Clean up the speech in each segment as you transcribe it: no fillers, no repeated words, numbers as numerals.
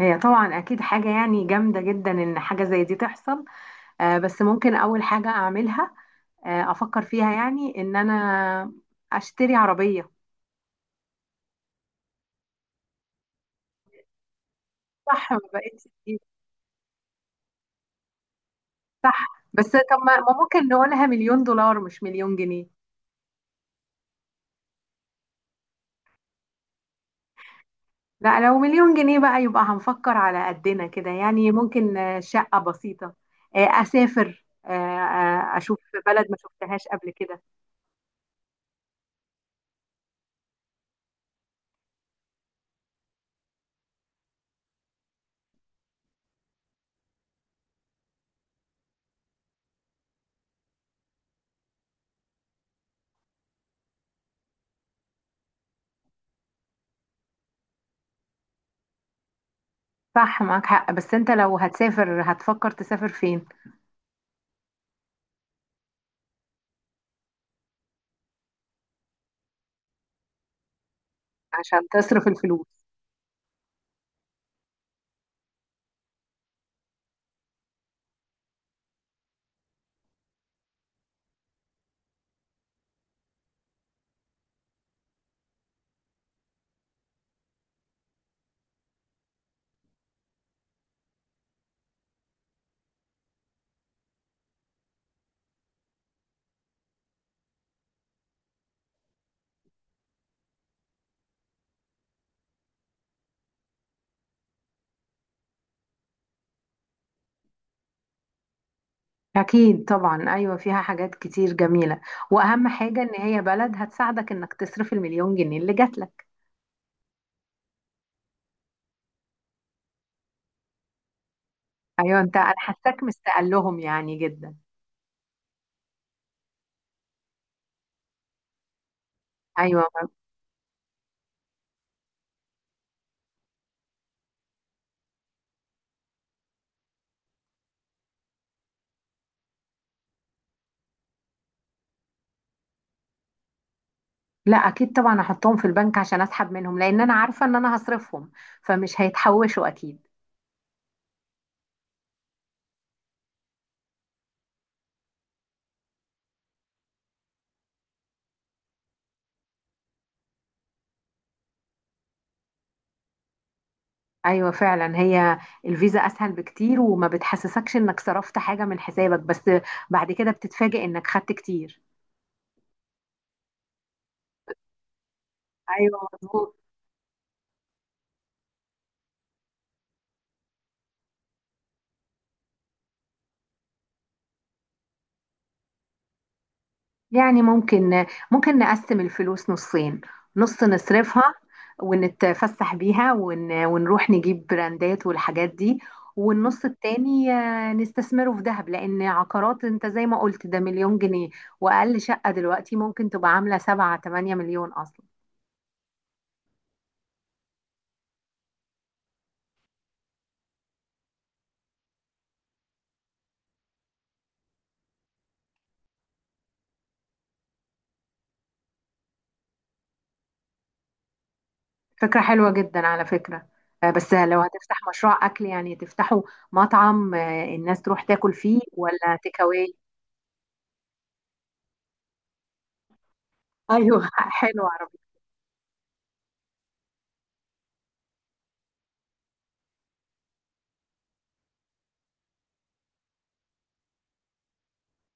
هي طبعا اكيد حاجه يعني جامده جدا ان حاجه زي دي تحصل. بس ممكن اول حاجه اعملها، افكر فيها يعني ان انا اشتري عربيه. صح، ما بقتش جديدة. صح. بس طب ما ممكن نقولها مليون دولار مش مليون جنيه؟ لا، لو مليون جنيه بقى يبقى هنفكر على قدنا كده، يعني ممكن شقه بسيطه، اسافر، اشوف بلد ما شفتهاش قبل كده. صح، معاك حق، بس انت لو هتسافر هتفكر تسافر فين؟ عشان تصرف الفلوس. أكيد طبعا، أيوة فيها حاجات كتير جميلة، وأهم حاجة إن هي بلد هتساعدك إنك تصرف المليون جنيه اللي جات لك. أيوة أنت، أنا حاساك مستقل لهم يعني جدا. أيوة. لا أكيد طبعا أحطهم في البنك عشان أسحب منهم، لأن أنا عارفة إن أنا هصرفهم، فمش هيتحوشوا أكيد. أيوة فعلا، هي الفيزا أسهل بكتير وما بتحسسكش إنك صرفت حاجة من حسابك، بس بعد كده بتتفاجئ إنك خدت كتير. أيوة مظبوط. يعني ممكن، ممكن نقسم الفلوس نصين، نص نصرفها ونتفسح بيها ونروح نجيب براندات والحاجات دي، والنص التاني نستثمره في ذهب، لأن عقارات انت زي ما قلت ده مليون جنيه، وأقل شقة دلوقتي ممكن تبقى عاملة سبعة تمانية مليون أصلا. فكرة حلوة جدا على فكرة، بس لو هتفتح مشروع أكل يعني تفتحوا مطعم، الناس تروح تاكل فيه ولا تيك أواي؟ أيوه حلوة.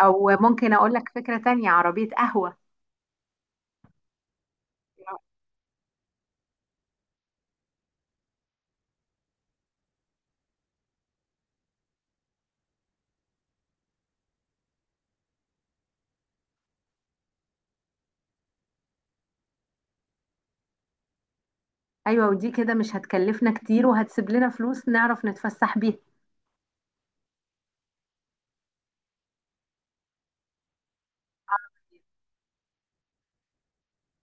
او ممكن اقول لك فكرة تانية: عربية قهوة. ايوه، ودي كده مش هتكلفنا كتير وهتسيب لنا فلوس نعرف نتفسح بيها.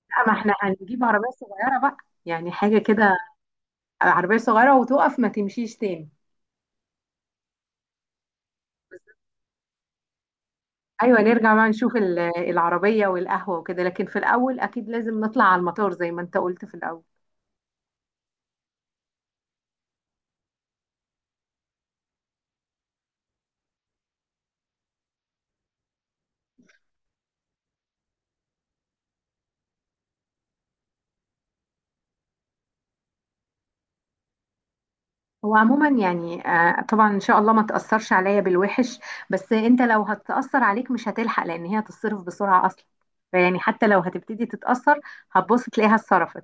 لا، ما احنا هنجيب عربية صغيرة بقى، يعني حاجة كده، عربية صغيرة وتقف ما تمشيش تاني. ايوه، نرجع بقى نشوف العربية والقهوة وكده، لكن في الاول اكيد لازم نطلع على المطار زي ما انت قلت في الاول. هو عموما يعني طبعا ان شاء الله ما تأثرش عليا بالوحش، بس انت لو هتأثر عليك مش هتلحق، لان هي هتتصرف بسرعة اصلا، فيعني حتى لو هتبتدي تتأثر هتبص تلاقيها اتصرفت.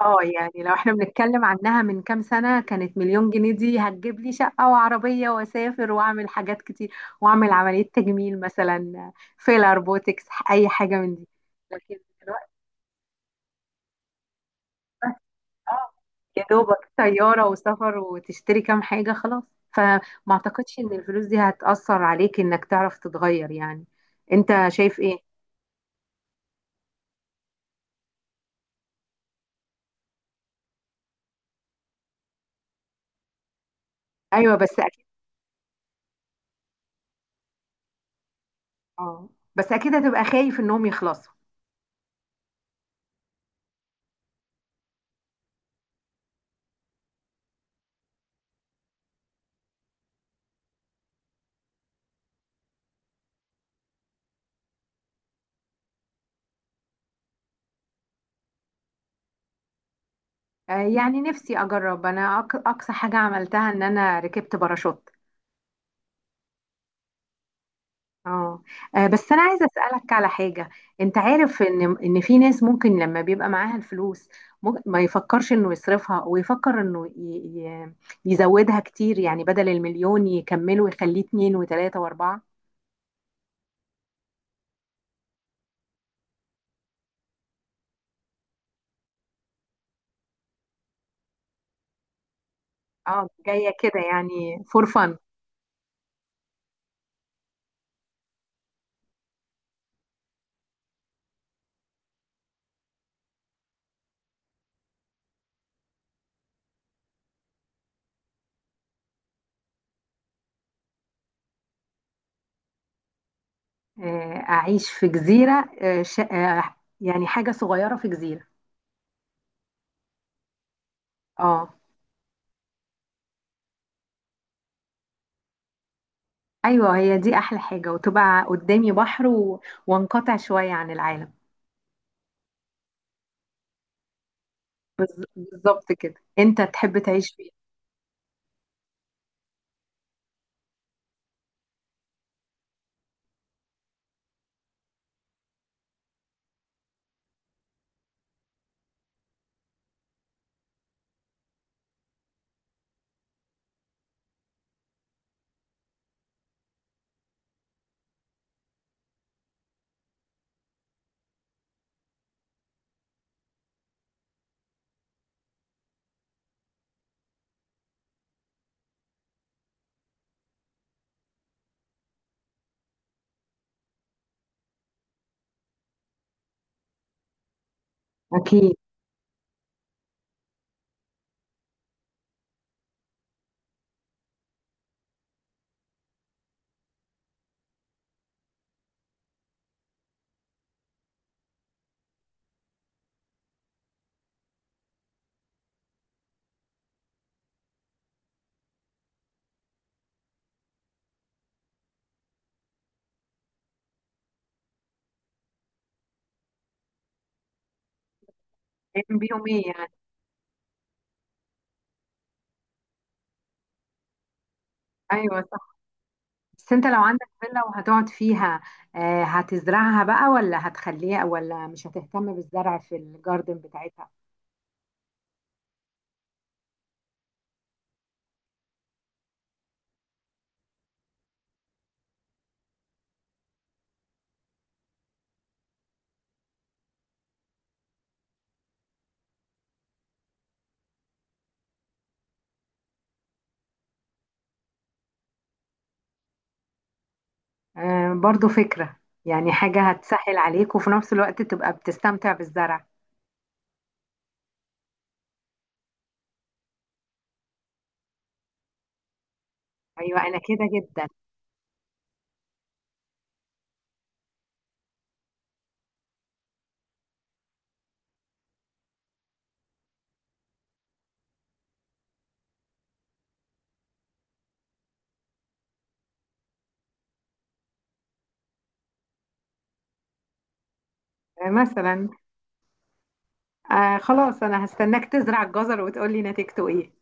اه يعني لو احنا بنتكلم عنها من كام سنة، كانت مليون جنيه دي هتجيب لي شقة وعربية واسافر واعمل حاجات كتير، واعمل عملية تجميل مثلا، فيلر، بوتكس، اي حاجة من دي. لكن دلوقتي اه، يا دوبك طيارة وسفر وتشتري كام حاجة خلاص. فما اعتقدش ان الفلوس دي هتأثر عليك انك تعرف تتغير يعني. انت شايف ايه؟ ايوه بس اكيد. اه بس اكيد هتبقى خايف انهم يخلصوا. يعني نفسي اجرب، انا اقصى حاجة عملتها ان انا ركبت باراشوت. اه. بس انا عايزه اسالك على حاجه. انت عارف ان ان في ناس ممكن لما بيبقى معاها الفلوس، ممكن ما يفكرش انه يصرفها ويفكر انه يزودها كتير، يعني بدل المليون يكمله ويخليه اتنين وتلاته واربعه. اه جايه كده يعني فور فن. اعيش في جزيره، آه، ش... آه، يعني حاجه صغيره في جزيره. اه. ايوه هي دي احلى حاجه، وتبقى قدامي بحر وانقطع شويه عن العالم. بالظبط كده. انت تحب تعيش فين؟ أكيد. أيام بيهم إيه يعني؟ أيوه صح. بس أنت لو عندك فيلا وهتقعد فيها، هتزرعها بقى ولا هتخليها ولا مش هتهتم بالزرع في الجاردن بتاعتها؟ برضو فكرة، يعني حاجة هتسهل عليك وفي نفس الوقت تبقى بتستمتع بالزرع. أيوه أنا كده جدا. مثلا. آه خلاص أنا هستناك تزرع الجزر وتقولي نتيجته إيه.